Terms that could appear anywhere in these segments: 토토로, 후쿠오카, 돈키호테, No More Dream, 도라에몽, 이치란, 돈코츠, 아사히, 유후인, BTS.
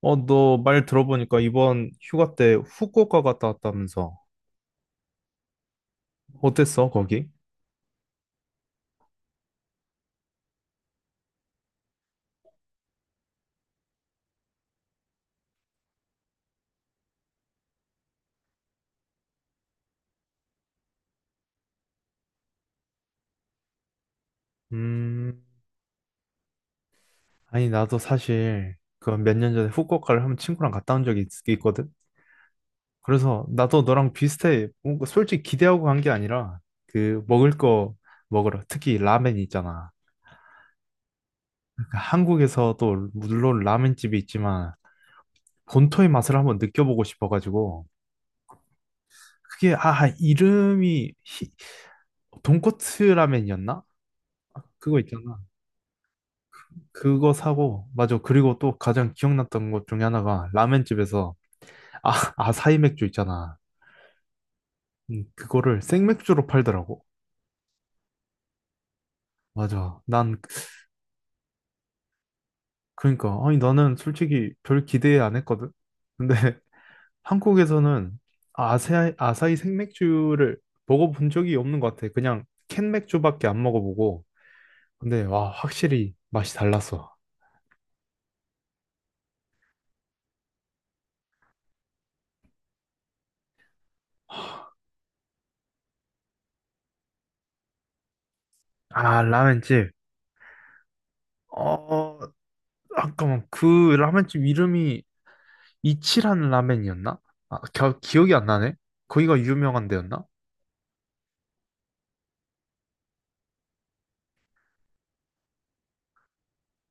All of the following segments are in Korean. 어, 너 말 들어보니까 이번 휴가 때 후쿠오카 갔다 왔다면서. 어땠어, 거기? 음, 아니, 나도 사실 그 몇 년 전에 후쿠오카를 한번 친구랑 갔다 온 적이 있, 거든. 그래서 나도 너랑 비슷해. 뭔가 솔직히 기대하고 간 게 아니라 그 먹을 거 먹으러 특히 라멘 있잖아. 그러니까 한국에서도 물론 라멘집이 있지만 본토의 맛을 한번 느껴보고 싶어가지고 그게 아 이름이 돈코츠 라멘이었나? 그거 있잖아. 그거 사고 맞아. 그리고 또 가장 기억났던 것 중에 하나가 라멘집에서 아 아사히 맥주 있잖아. 그거를 생맥주로 팔더라고. 맞아. 난 그러니까 아니 나는 솔직히 별 기대 안 했거든. 근데 한국에서는 아사히 생맥주를 먹어본 적이 없는 것 같아. 그냥 캔 맥주밖에 안 먹어보고. 근데 와 확실히 맛이 달랐어. 아 라멘집. 어 잠깐만 그 라멘집 이름이 이치란 라멘이었나? 아 기억이 안 나네. 거기가 유명한 데였나?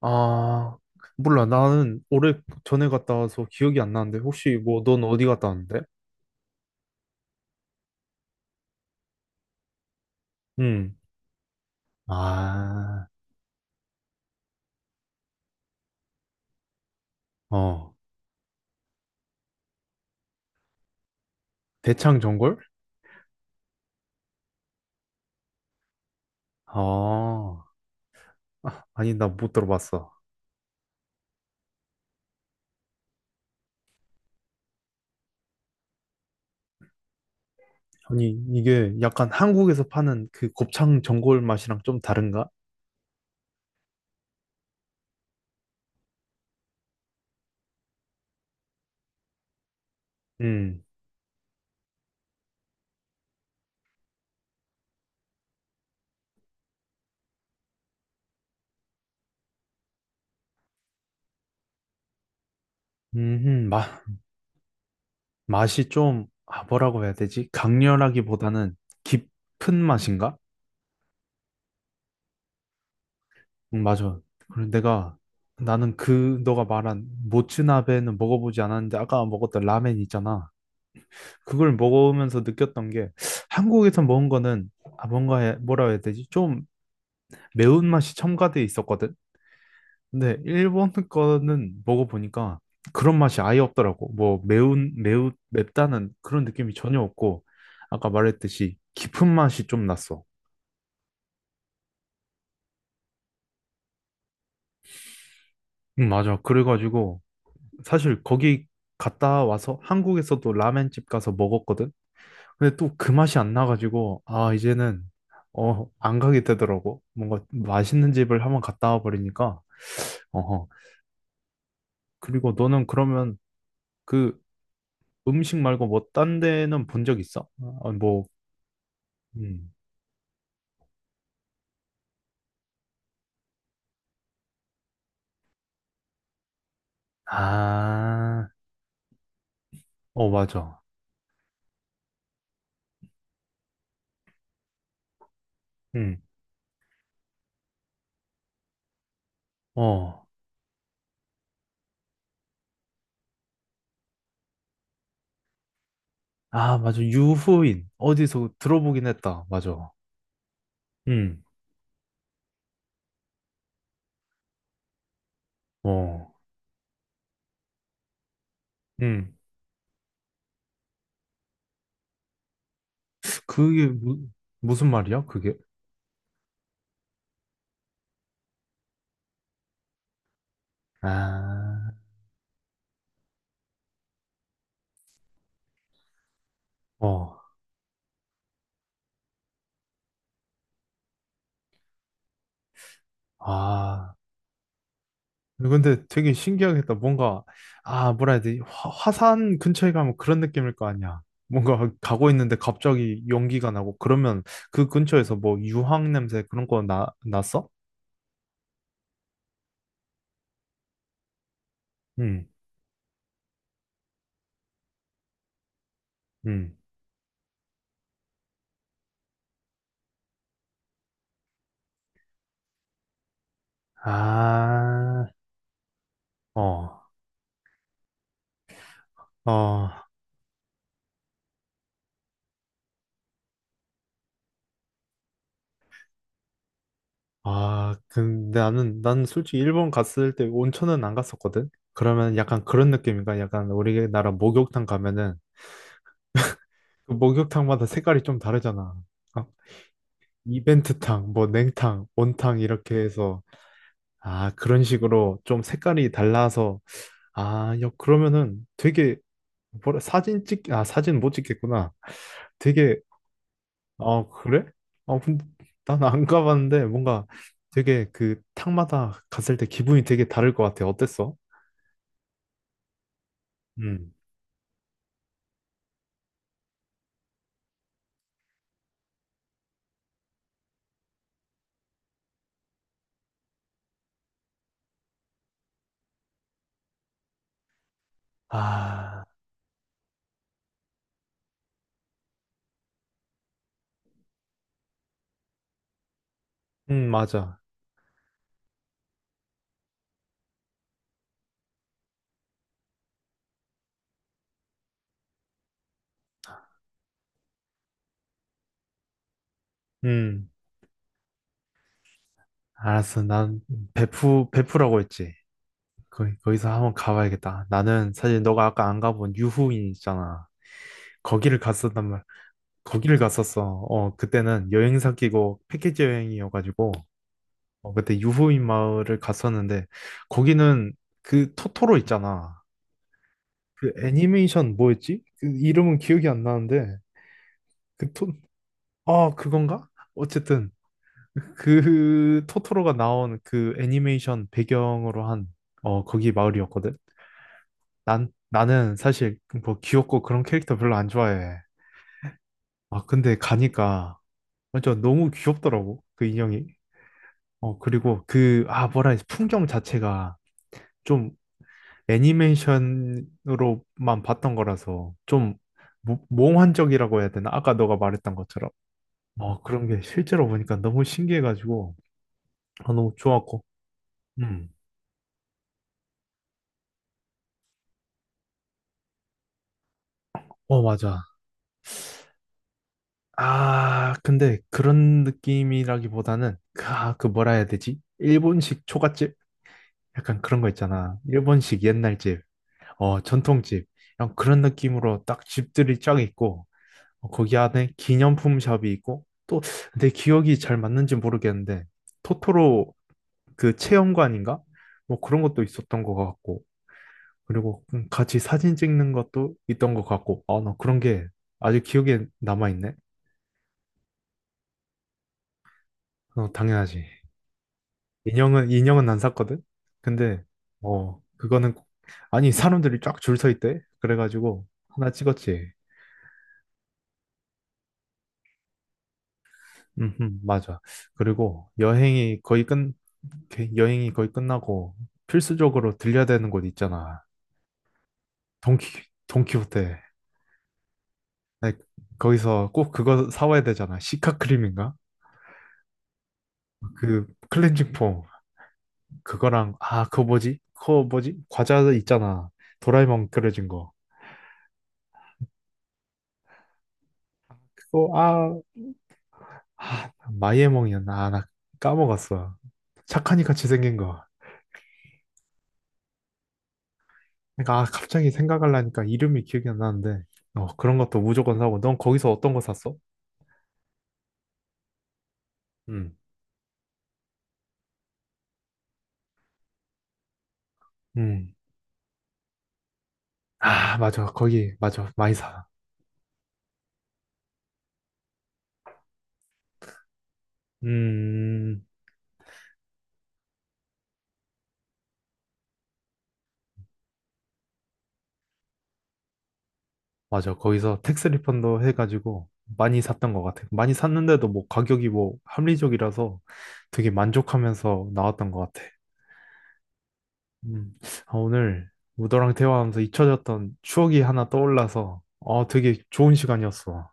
아 몰라 나는 오래 전에 갔다 와서 기억이 안 나는데 혹시 뭐 넌 어디 갔다 왔는데? 응. 아, 어, 대창전골? 어, 아, 아, 아니, 나 못 들어봤어. 아니, 이게 약간 한국에서 파는 그 곱창 전골 맛이랑 좀 다른가? 음, 마, 맛이 좀, 아, 뭐라고 해야 되지? 강렬하기보다는 깊은 맛인가? 맞아. 그리고 내가, 나는 그, 너가 말한 모츠나베는 먹어보지 않았는데, 아까 먹었던 라멘 있잖아. 그걸 먹으면서 느꼈던 게, 한국에서 먹은 거는, 아, 뭔가, 뭐라 해야 되지? 좀 매운맛이 첨가돼 있었거든. 근데 일본 거는 먹어보니까 그런 맛이 아예 없더라고. 뭐 매운, 매우, 맵다는 그런 느낌이 전혀 없고, 아까 말했듯이 깊은 맛이 좀 났어. 응, 맞아. 그래가지고 사실 거기 갔다 와서 한국에서도 라멘집 가서 먹었거든. 근데 또 그 맛이 안 나가지고, 아, 이제는 어, 안 가게 되더라고. 뭔가 맛있는 집을 한번 갔다 와 버리니까. 어허. 그리고 너는 그러면 그 음식 말고 뭐 딴 데는 본 적 있어? 어, 어, 뭐, 음. 아, 어, 맞아. 음. 어. 아, 맞아. 유후인. 어디서 들어보긴 했다. 맞아. 음. 어. 음. 그게 무, 무슨 말이야? 그게? 아, 어. 아. 근데 되게 신기하겠다. 뭔가, 아, 뭐라 해야 되지? 화, 화산 근처에 가면 그런 느낌일 거 아니야. 뭔가 가고 있는데 갑자기 연기가 나고 그러면 그 근처에서 뭐 유황 냄새 그런 거 나, 났어? 응, 응. 아, 어, 어, 아, 근데 나는, 난 솔직히 일본 갔을 때 온천은 안 갔었거든? 그러면 약간 그런 느낌인가? 약간 우리나라 목욕탕 가면은 그 목욕탕마다 색깔이 좀 다르잖아. 어. 이벤트탕, 뭐 냉탕, 온탕 이렇게 해서 아 그런 식으로 좀 색깔이 달라서 아 야, 그러면은 되게 뭐라 사진 찍, 아 사진 못 찍겠구나. 되게 어 그래? 어 근데 난 안 가봤는데 뭔가 되게 그 탕마다 갔을 때 기분이 되게 다를 것 같아. 어땠어? 음. 아, 맞아. 음 알았어. 난 베프 베프라고 했지. 거기서 한번 가봐야겠다. 나는 사실 너가 아까 안 가본 유후인 있잖아. 거기를 갔었단 말. 거기를 갔었어. 어, 그때는 여행사 끼고 패키지 여행이어가지고 어, 그때 유후인 마을을 갔었는데 거기는 그 토토로 있잖아. 그 애니메이션 뭐였지? 그 이름은 기억이 안 나는데 그 토, 아 그건가? 어쨌든 그 토토로가 나온 그 애니메이션 배경으로 한 어, 거기 마을이었거든. 난 나는 사실 뭐 귀엽고 그런 캐릭터 별로 안 좋아해. 아 근데 가니까 완전 너무 귀엽더라고 그 인형이. 어, 그리고 그, 아, 뭐라 해야 지 풍경 자체가 좀 애니메이션으로만 봤던 거라서 좀 몽환적이라고 해야 되나? 아까 너가 말했던 것처럼. 어, 그런 게 실제로 보니까 너무 신기해가지고, 아, 너무 좋았고. 음. 어, 맞아. 아, 근데 그런 느낌이라기보다는, 그, 아, 그 뭐라 해야 되지? 일본식 초밥집? 약간 그런 거 있잖아. 일본식 옛날 집, 어, 전통집. 약간 그런 느낌으로 딱 집들이 쫙 있고, 어, 거기 안에 기념품 샵이 있고 또 내 기억이 잘 맞는지 모르겠는데 토토로 그 체험관인가? 뭐 그런 것도 있었던 것 같고 그리고 같이 사진 찍는 것도 있던 것 같고 아, 나 그런 게 아직 기억에 남아있네. 어, 당연하지. 인형은 안 샀거든. 근데 어 그거는 아니 사람들이 쫙 줄 서 있대. 그래가지고 하나 찍었지. 맞아. 그리고 게 여행이 거의 끝나고 필수적으로 들려야 되는 곳 있잖아. 돈키, 돈키호테. 아니, 거기서 꼭 그거 사와야 되잖아. 시카크림인가? 그 클렌징 폼. 그거랑, 아, 그거 뭐지? 과자 있잖아. 도라에몽 그려진 거. 그거, 아, 아 마이애몽이었나? 아, 나 까먹었어. 착하니 같이 생긴 거. 그러니까 아, 갑자기 생각하려니까 이름이 기억이 안 나는데 어 그런 것도 무조건 사고 넌 거기서 어떤 거 샀어? 음. 음. 아, 맞아. 거기, 맞아. 많이 사. 음, 맞아. 거기서 택스 리펀드 해가지고 많이 샀던 것 같아. 많이 샀는데도 뭐 가격이 뭐 합리적이라서 되게 만족하면서 나왔던 것 같아. 음, 아, 오늘 우도랑 대화하면서 잊혀졌던 추억이 하나 떠올라서 어, 되게 좋은 시간이었어.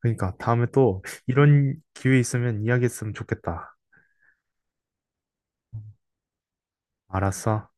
그러니까 다음에 또 이런 기회 있으면 이야기했으면 좋겠다. 알았어.